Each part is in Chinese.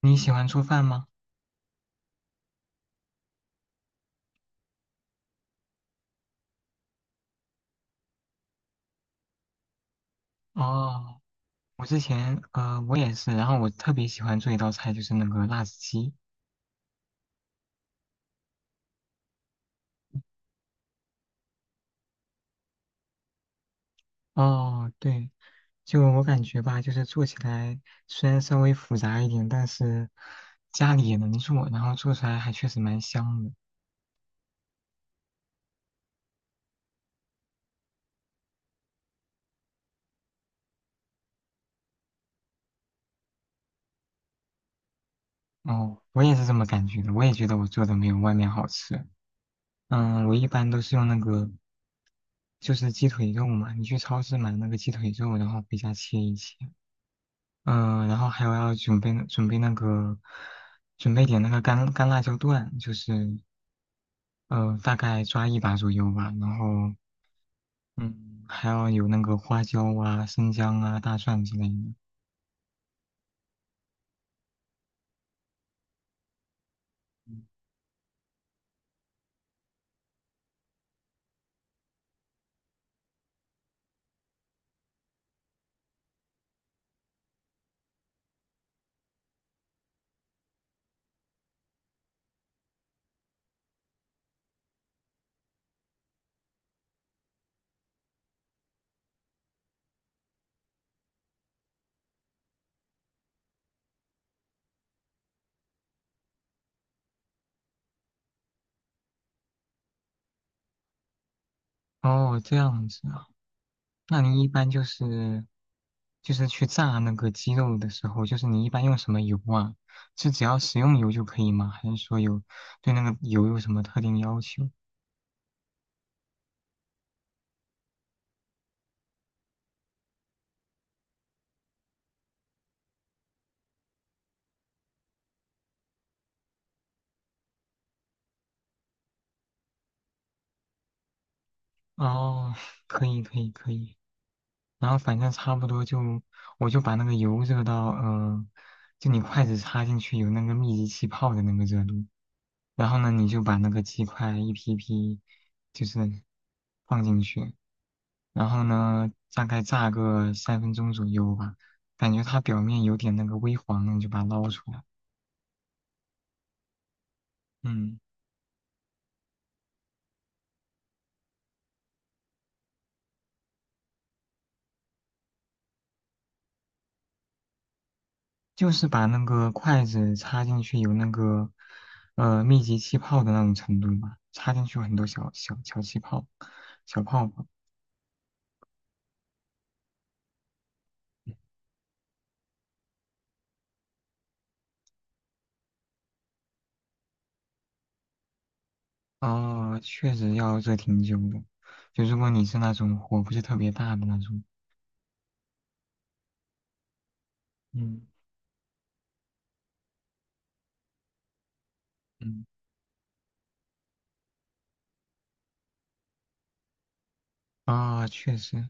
你喜欢做饭吗？哦，我之前我也是，然后我特别喜欢做一道菜，就是那个辣子鸡。哦，对，就我感觉吧，就是做起来虽然稍微复杂一点，但是家里也能做，然后做出来还确实蛮香的。哦，我也是这么感觉的，我也觉得我做的没有外面好吃。嗯，我一般都是用那个就是鸡腿肉嘛，你去超市买那个鸡腿肉，然后回家切一切。嗯，然后还有要准备那个，准备点那个干辣椒段，就是大概抓一把左右吧。然后嗯，还要有那个花椒啊、生姜啊、大蒜之类的。哦，这样子啊，那你一般就是去炸那个鸡肉的时候，就是你一般用什么油啊？是只要食用油就可以吗？还是说有对那个油有什么特定要求？哦，可以可以可以，然后反正差不多就，我就把那个油热到，就你筷子插进去有那个密集气泡的那个热度，然后呢，你就把那个鸡块一批批，就是放进去，然后呢，大概炸个3分钟左右吧，感觉它表面有点那个微黄了，你就把它捞出来。嗯，就是把那个筷子插进去有那个，密集气泡的那种程度吧，插进去有很多小气泡，小泡泡。嗯。哦，确实要热挺久的，就如果你是那种火不是特别大的那种，嗯。嗯，啊、确实，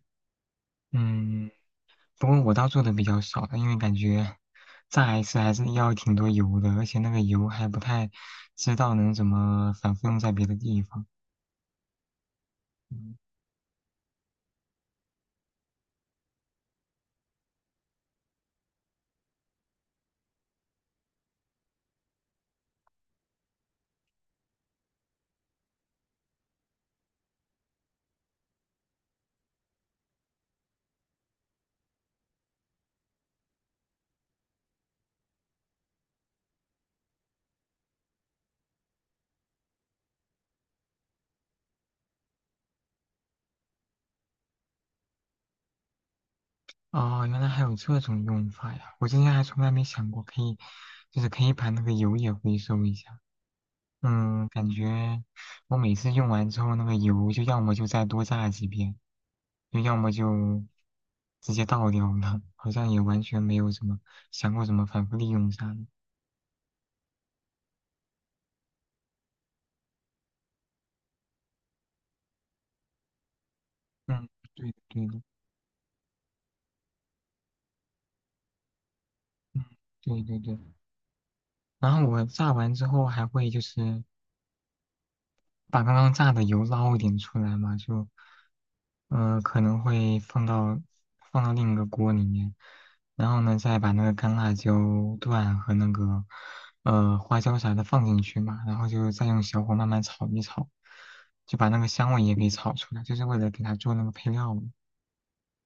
嗯，不过我倒做的比较少的，因为感觉炸一次还是要挺多油的，而且那个油还不太知道能怎么反复用在别的地方。嗯。哦，原来还有这种用法呀！我之前还从来没想过可以，就是可以把那个油也回收一下。嗯，感觉我每次用完之后，那个油就要么就再多炸几遍，就要么就直接倒掉了，好像也完全没有什么想过怎么反复利用啥的。嗯，对的，对的，嗯，对对对。然后我炸完之后还会就是。把刚刚炸的油捞一点出来嘛，就，可能会放到另一个锅里面，然后呢，再把那个干辣椒段和那个花椒啥的放进去嘛，然后就再用小火慢慢炒一炒，就把那个香味也给炒出来，就是为了给它做那个配料嘛，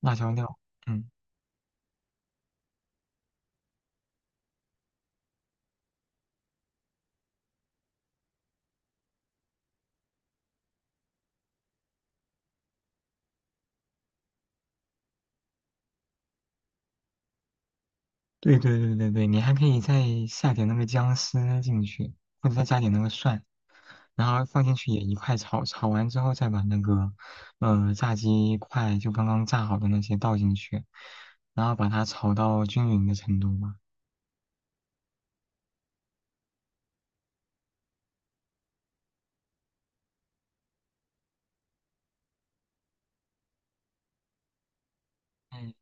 辣椒料。嗯。对对对对对，你还可以再下点那个姜丝进去，或者再加点那个蒜，然后放进去也一块炒，炒完之后再把那个炸鸡块就刚刚炸好的那些倒进去，然后把它炒到均匀的程度嘛。嗯，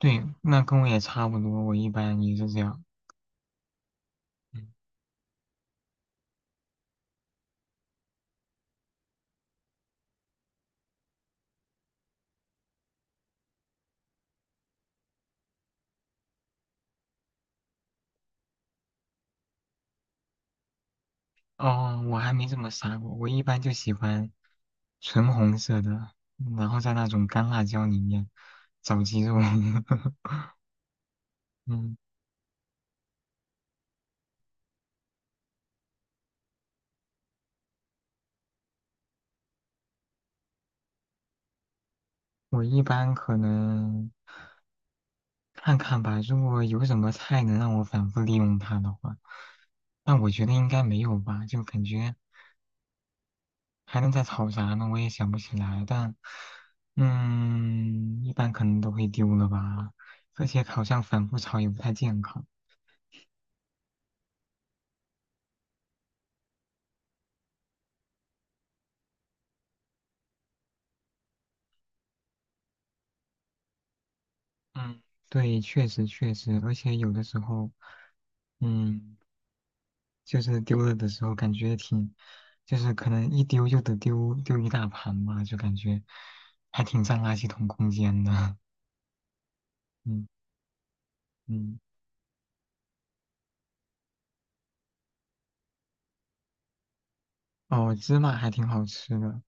对，那跟我也差不多，我一般也是这样。嗯，哦，我还没怎么撒过，我一般就喜欢纯红色的，然后在那种干辣椒里面找鸡肉。嗯。我一般可能看看吧，如果有什么菜能让我反复利用它的话，但我觉得应该没有吧，就感觉还能再炒啥呢？我也想不起来，但嗯，一般可能都会丢了吧，而且好像反复炒也不太健康。嗯，对，确实确实，而且有的时候，嗯。就是丢了的时候感觉挺，就是可能一丢就得丢一大盘吧，就感觉还挺占垃圾桶空间的。嗯。嗯，哦，芝麻还挺好吃的，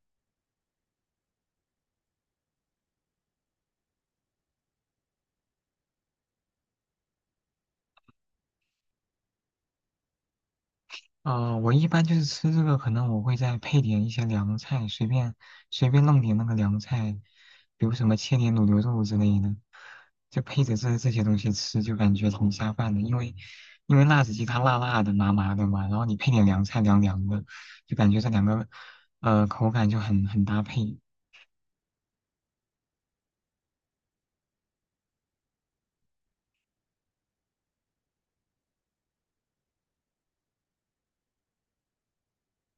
我一般就是吃这个，可能我会再配点一些凉菜，随便弄点那个凉菜，比如什么切点卤牛肉之类的，就配着这些东西吃，就感觉挺下饭的。因为辣子鸡它辣辣的、麻麻的嘛，然后你配点凉菜凉凉的，就感觉这两个口感就很搭配。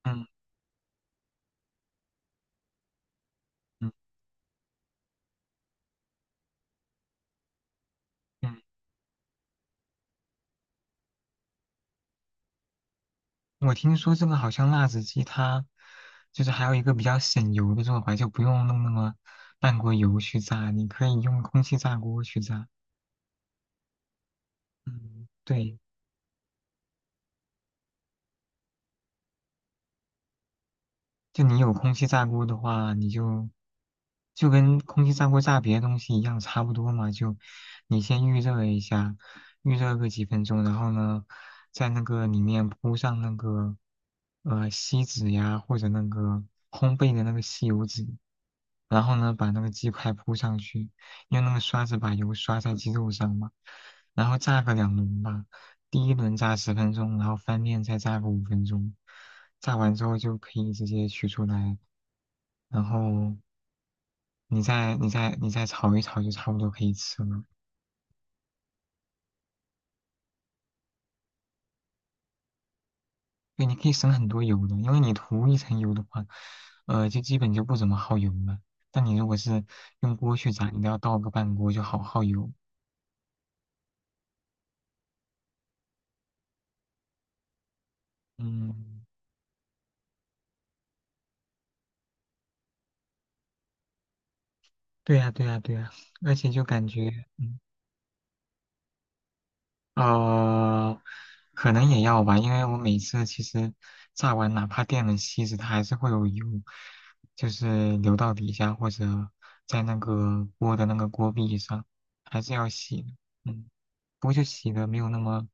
嗯。嗯嗯。我听说这个好像辣子鸡它就是还有一个比较省油的做法，就不用弄那么半锅油去炸，你可以用空气炸锅去炸。嗯，对。就你有空气炸锅的话，你就就跟空气炸锅炸别的东西一样，差不多嘛。就你先预热一下，预热个几分钟，然后呢，在那个里面铺上那个锡纸呀，或者那个烘焙的那个吸油纸，然后呢，把那个鸡块铺上去，用那个刷子把油刷在鸡肉上嘛，然后炸个两轮吧。第一轮炸10分钟，然后翻面再炸个5分钟，炸完之后就可以直接取出来，然后你再炒一炒就差不多可以吃了。对，你可以省很多油的，因为你涂一层油的话，就基本就不怎么耗油了。但你如果是用锅去炸，你都要倒个半锅，就好耗油。嗯，对呀，对呀，对呀，而且就感觉，嗯。呃，可能也要吧，因为我每次其实炸完，哪怕电了锡纸，它还是会有油，就是流到底下或者在那个锅的那个锅壁上，还是要洗的。嗯，不过就洗的没有那么，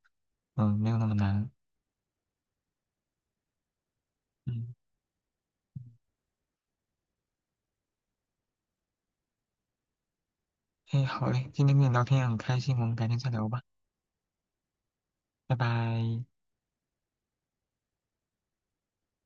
嗯，没有那么难。嗯，哎，好嘞，今天跟你聊天也很开心，我们改天再聊吧，拜拜。